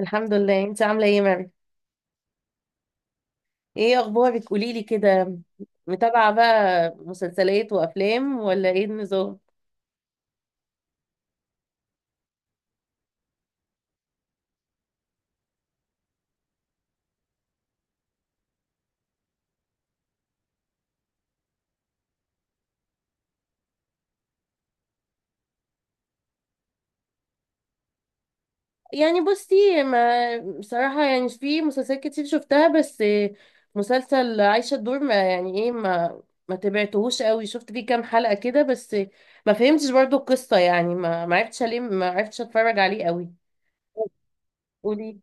الحمد لله. انت عامله ايه يا مريم؟ ايه اخبارك، قولي لي كده. متابعه بقى مسلسلات وافلام ولا ايه النظام؟ يعني بصي، ما بصراحه يعني في مسلسلات كتير شفتها، بس مسلسل عايشه الدور ما يعني ايه، ما ما تبعتهوش قوي، شفت فيه كام حلقه كده بس. ما فهمتش برضو القصه، يعني ما ما عرفتش ليه، ما عرفتش اتفرج عليه قوي. قولي.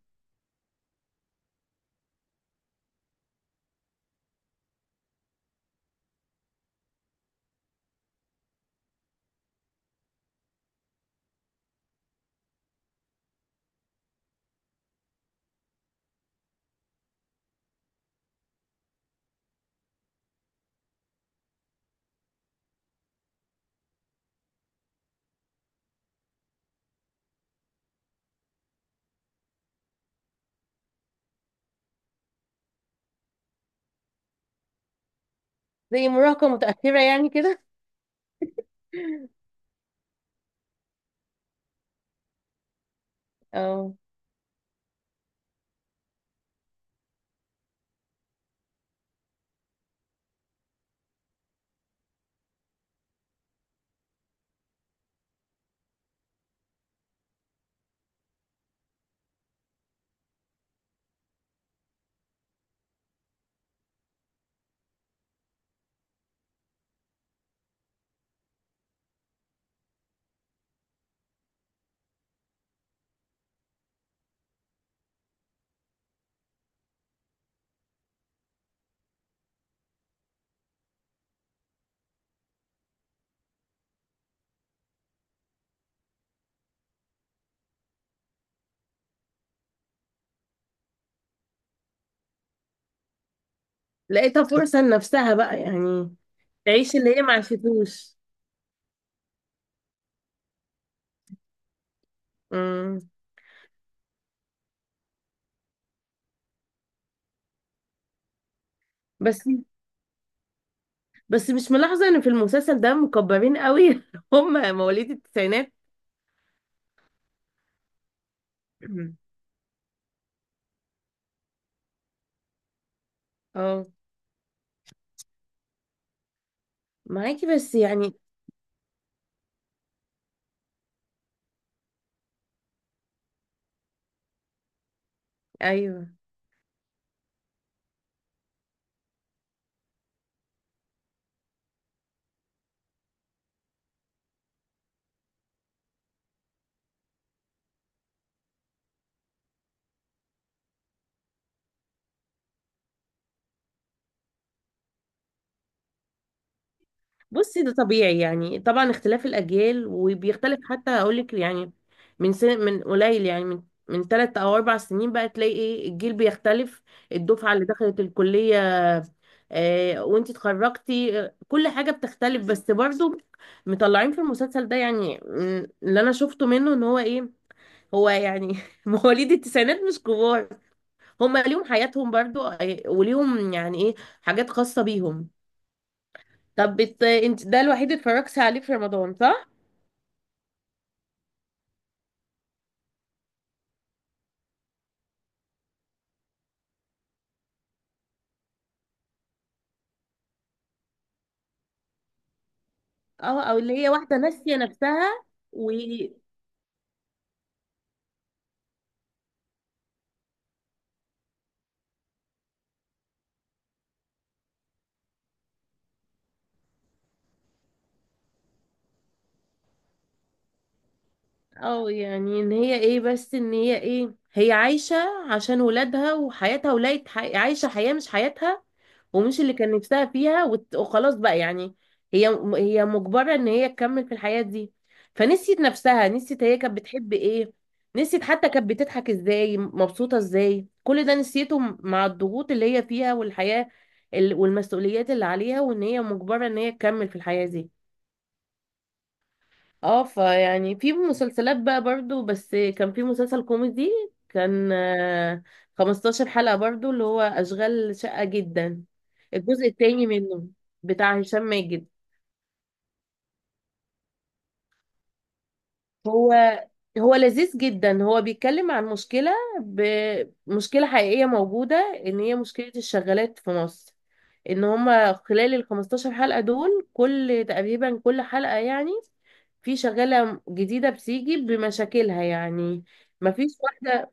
زي مراهقه متاخره يعني كده. اه، لقيتها فرصة لنفسها بقى يعني، تعيش اللي هي ما عرفتوش. أمم. بس بس مش ملاحظة ان في المسلسل ده مكبرين قوي؟ هم مواليد التسعينات. مم. اه، معاكي بس يعني. ايوه، بصي ده طبيعي يعني، طبعا اختلاف الأجيال وبيختلف حتى أقولك يعني، من سن، من قليل يعني، من من ثلاث أو أربع سنين بقى تلاقي إيه الجيل بيختلف. الدفعة اللي دخلت الكلية، وانتي اتخرجتي، كل حاجة بتختلف، بس برضو مطلعين في المسلسل ده يعني، اللي أنا شفته منه إن هو إيه، هو يعني مواليد التسعينات مش كبار، هما ليهم حياتهم برضو، وليهم يعني إيه، حاجات خاصة بيهم. طب انت ده الوحيد اللي اتفرجتي عليه في رمضان صح؟ اه، او اللي هي واحدة ناسية نفسها. و اه، يعني ان هي ايه، بس ان هي ايه، هي عايشة عشان ولادها وحياتها، ولاقت عايشة حياة مش حياتها، ومش اللي كان نفسها فيها، وخلاص بقى يعني، هي هي مجبرة ان هي تكمل في الحياة دي. فنسيت نفسها، نسيت هي كانت بتحب ايه، نسيت حتى كانت بتضحك ازاي، مبسوطة ازاي، كل ده نسيته مع الضغوط اللي هي فيها، والحياة والمسؤوليات اللي عليها، وان هي مجبرة ان هي تكمل في الحياة دي. اه، فيعني في مسلسلات بقى برضو، بس كان في مسلسل كوميدي، كان 15 حلقة برضو، اللي هو أشغال شقة جدا، الجزء التاني منه، بتاع هشام ماجد. هو هو لذيذ جدا، هو بيتكلم عن مشكلة، بمشكلة حقيقية موجودة، ان هي مشكلة الشغالات في مصر، ان هما خلال ال 15 حلقة دول، كل تقريبا كل حلقة يعني في شغالة جديدة بتيجي بمشاكلها يعني. مفيش واحدة.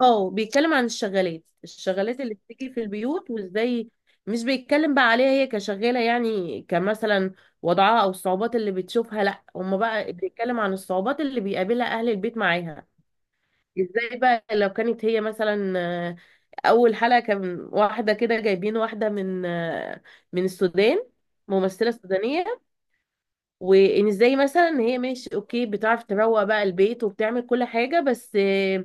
اه، بيتكلم عن الشغالات، الشغالات اللي بتيجي في البيوت. وازاي مش بيتكلم بقى عليها هي كشغالة، يعني كمثلا وضعها او الصعوبات اللي بتشوفها، لا، هما بقى بيتكلم عن الصعوبات اللي بيقابلها اهل البيت معاها. ازاي بقى لو كانت هي مثلا، آه، اول حلقة كان واحدة كده، جايبين واحدة من من السودان، ممثلة سودانية. وان ازاي مثلا هي ماشي اوكي، بتعرف تروق بقى البيت وبتعمل كل حاجه، بس آه،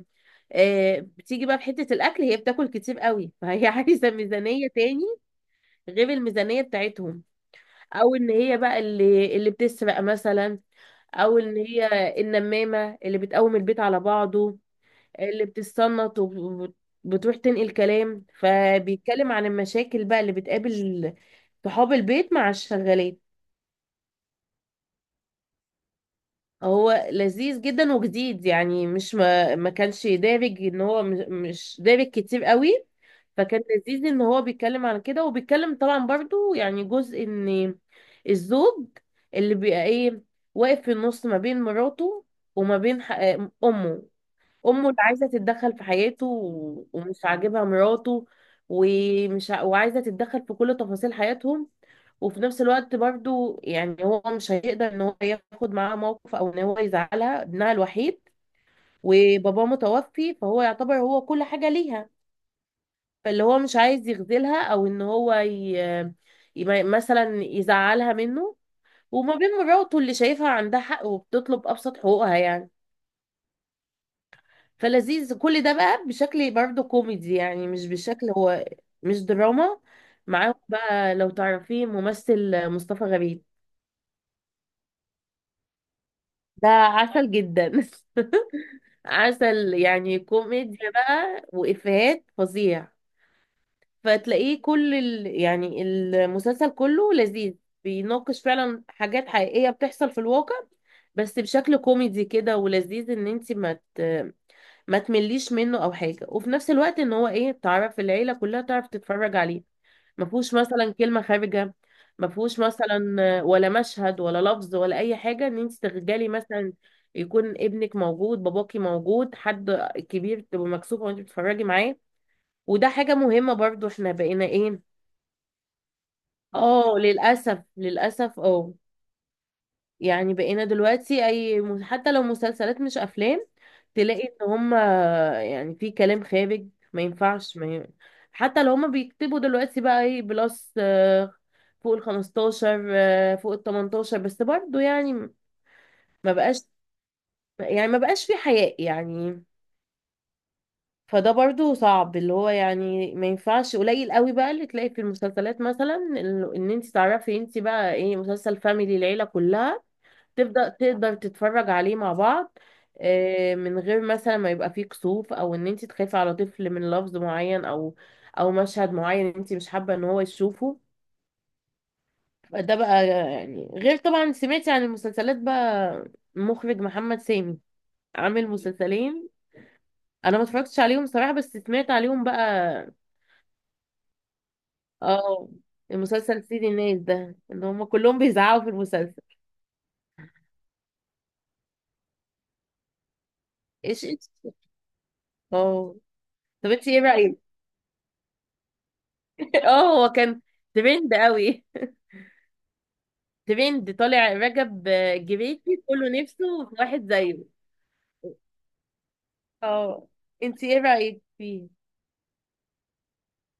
آه، بتيجي بقى في حته الاكل، هي بتاكل كتير قوي، فهي عايزه ميزانيه تاني غير الميزانيه بتاعتهم. او ان هي بقى اللي بتسرق مثلا، او ان هي النمامه اللي بتقوم البيت على بعضه، اللي بتستنط وبتروح تنقل كلام. فبيتكلم عن المشاكل بقى اللي بتقابل صحاب البيت مع الشغالات. هو لذيذ جدا وجديد، يعني مش ما, ما كانش دارج، ان هو مش دارج كتير قوي. فكان لذيذ ان هو بيتكلم عن كده. وبيتكلم طبعا برضو يعني جزء ان الزوج، اللي بيبقى ايه، واقف في النص ما بين مراته، وما بين امه، امه اللي عايزه تتدخل في حياته، ومش عاجبها مراته، وعايزه تتدخل في كل تفاصيل حياتهم، وفي نفس الوقت برضو يعني هو مش هيقدر ان هو ياخد معاها موقف، او ان هو يزعلها، ابنها الوحيد وباباه متوفي فهو يعتبر هو كل حاجه ليها، فاللي هو مش عايز يخذلها، او ان هو مثلا يزعلها منه، وما بين مراته اللي شايفها عندها حق وبتطلب ابسط حقوقها يعني. فلذيذ كل ده بقى بشكل برضه كوميدي، يعني مش بشكل، هو مش دراما. معاهم بقى، لو تعرفيه، ممثل مصطفى غريب ده عسل جدا، عسل، يعني كوميديا بقى وإفيهات فظيع. فتلاقيه يعني المسلسل كله لذيذ، بيناقش فعلا حاجات حقيقية بتحصل في الواقع، بس بشكل كوميدي كده، ولذيذ ان انت ما تمليش منه او حاجه، وفي نفس الوقت ان هو ايه، تعرف العيله كلها تعرف تتفرج عليه، ما فيهوش مثلا كلمه خارجه، ما فيهوش مثلا ولا مشهد ولا لفظ ولا اي حاجه ان انت تخجلي مثلا يكون ابنك موجود، باباكي موجود، حد كبير، تبقى مكسوفه وانت بتتفرجي معاه. وده حاجه مهمه برضو، احنا بقينا ايه. اه للاسف، للاسف، اه. يعني بقينا دلوقتي اي حتى لو مسلسلات مش افلام، تلاقي ان هم يعني في كلام خارج ما ينفعش ما ي... حتى لو هم بيكتبوا دلوقتي بقى ايه بلس، فوق ال 15، فوق ال 18 بس برضو يعني، ما بقاش، يعني ما بقاش في حياء يعني. فده برضو صعب اللي هو يعني ما ينفعش، قليل قوي بقى اللي تلاقي في المسلسلات مثلا، إن انت تعرفي انت بقى ايه مسلسل فاميلي، العيلة كلها تبدأ تقدر تتفرج عليه مع بعض، من غير مثلا ما يبقى فيه كسوف، او ان انت تخافي على طفل من لفظ معين، او مشهد معين انت مش حابة ان هو يشوفه. ده بقى يعني غير طبعا، سمعتي عن المسلسلات بقى مخرج محمد سامي، عامل مسلسلين. انا ما اتفرجتش عليهم صراحة، بس سمعت عليهم بقى. اه، المسلسل سيد الناس ده ان هم كلهم بيزعقوا في المسلسل. ايش ايش. اه، طب انت ايه رأيك؟ اه، هو كان ترند قوي، ترند طالع رجب، جريتي كله نفسه في واحد زيه. اه، انت ايه رأيك فيه؟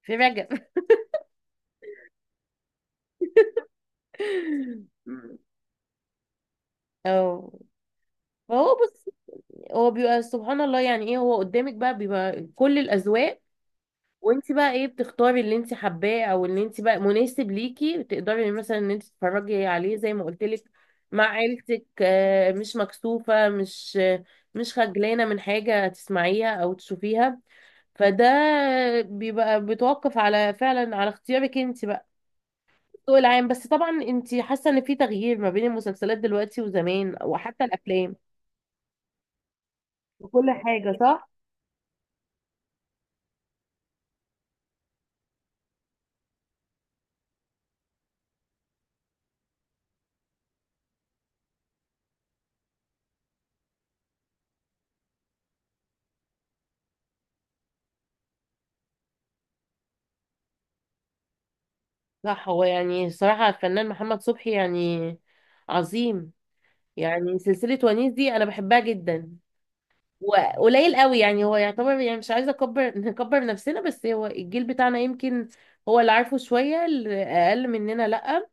في رجب؟ اه، فهو بص، هو بيبقى سبحان الله، يعني ايه، هو قدامك بقى بيبقى كل الاذواق، وانت بقى ايه بتختاري اللي انت حباه، او اللي انت بقى مناسب ليكي، تقدري مثلا ان انت تتفرجي عليه زي ما قلت لك مع عيلتك، مش مكسوفة، مش خجلانة من حاجة تسمعيها او تشوفيها. فده بيبقى بيتوقف على فعلا على اختيارك انت بقى، الذوق العام. بس طبعا انت حاسه ان في تغيير ما بين المسلسلات دلوقتي وزمان وحتى الافلام وكل حاجه، صح؟ صح، هو يعني الصراحه الفنان محمد صبحي يعني عظيم، يعني سلسله ونيس دي انا بحبها جدا، وقليل قوي يعني، هو يعتبر يعني، مش عايزه اكبر نكبر نفسنا، بس هو الجيل بتاعنا يمكن هو اللي عارفه شويه، اللي اقل مننا لا.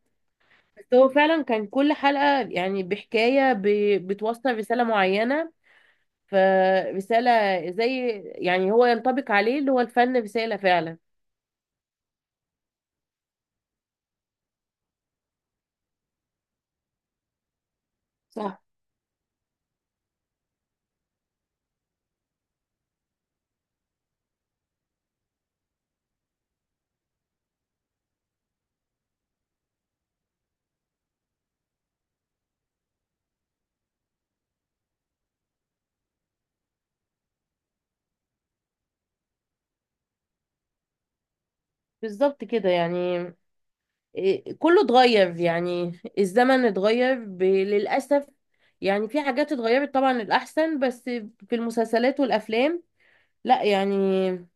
بس هو فعلا كان كل حلقة يعني بتوصل رسالة معينة، فرسالة، زي يعني هو ينطبق عليه اللي هو الفن رسالة فعلا. صح، بالظبط كده يعني، إيه، كله اتغير يعني، الزمن اتغير للأسف. يعني في حاجات اتغيرت طبعا الأحسن، بس في المسلسلات والأفلام، لا يعني،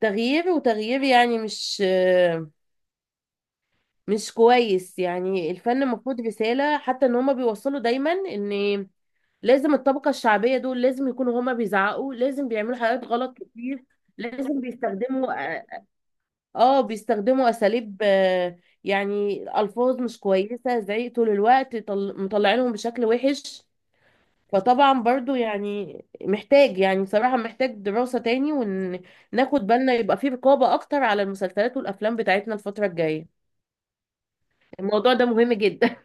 تغيير وتغيير يعني، مش كويس. يعني الفن المفروض رسالة، حتى ان هما بيوصلوا دايما ان لازم الطبقة الشعبية دول لازم يكونوا هما بيزعقوا، لازم بيعملوا حاجات غلط كتير، لازم بيستخدموا، اه بيستخدموا أساليب، يعني ألفاظ مش كويسة، زعيق طول الوقت، مطلعينهم بشكل وحش. فطبعا برضو يعني محتاج، يعني صراحة محتاج دراسة تاني، وناخد بالنا يبقى في رقابة أكتر على المسلسلات والأفلام بتاعتنا الفترة الجاية. الموضوع ده مهم جدا.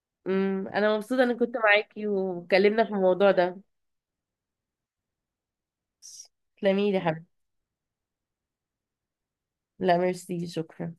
أنا مبسوطة إني كنت معاكي واتكلمنا في الموضوع ده. تسلميلي يا حبيبتي. لا ميرسي شكرا.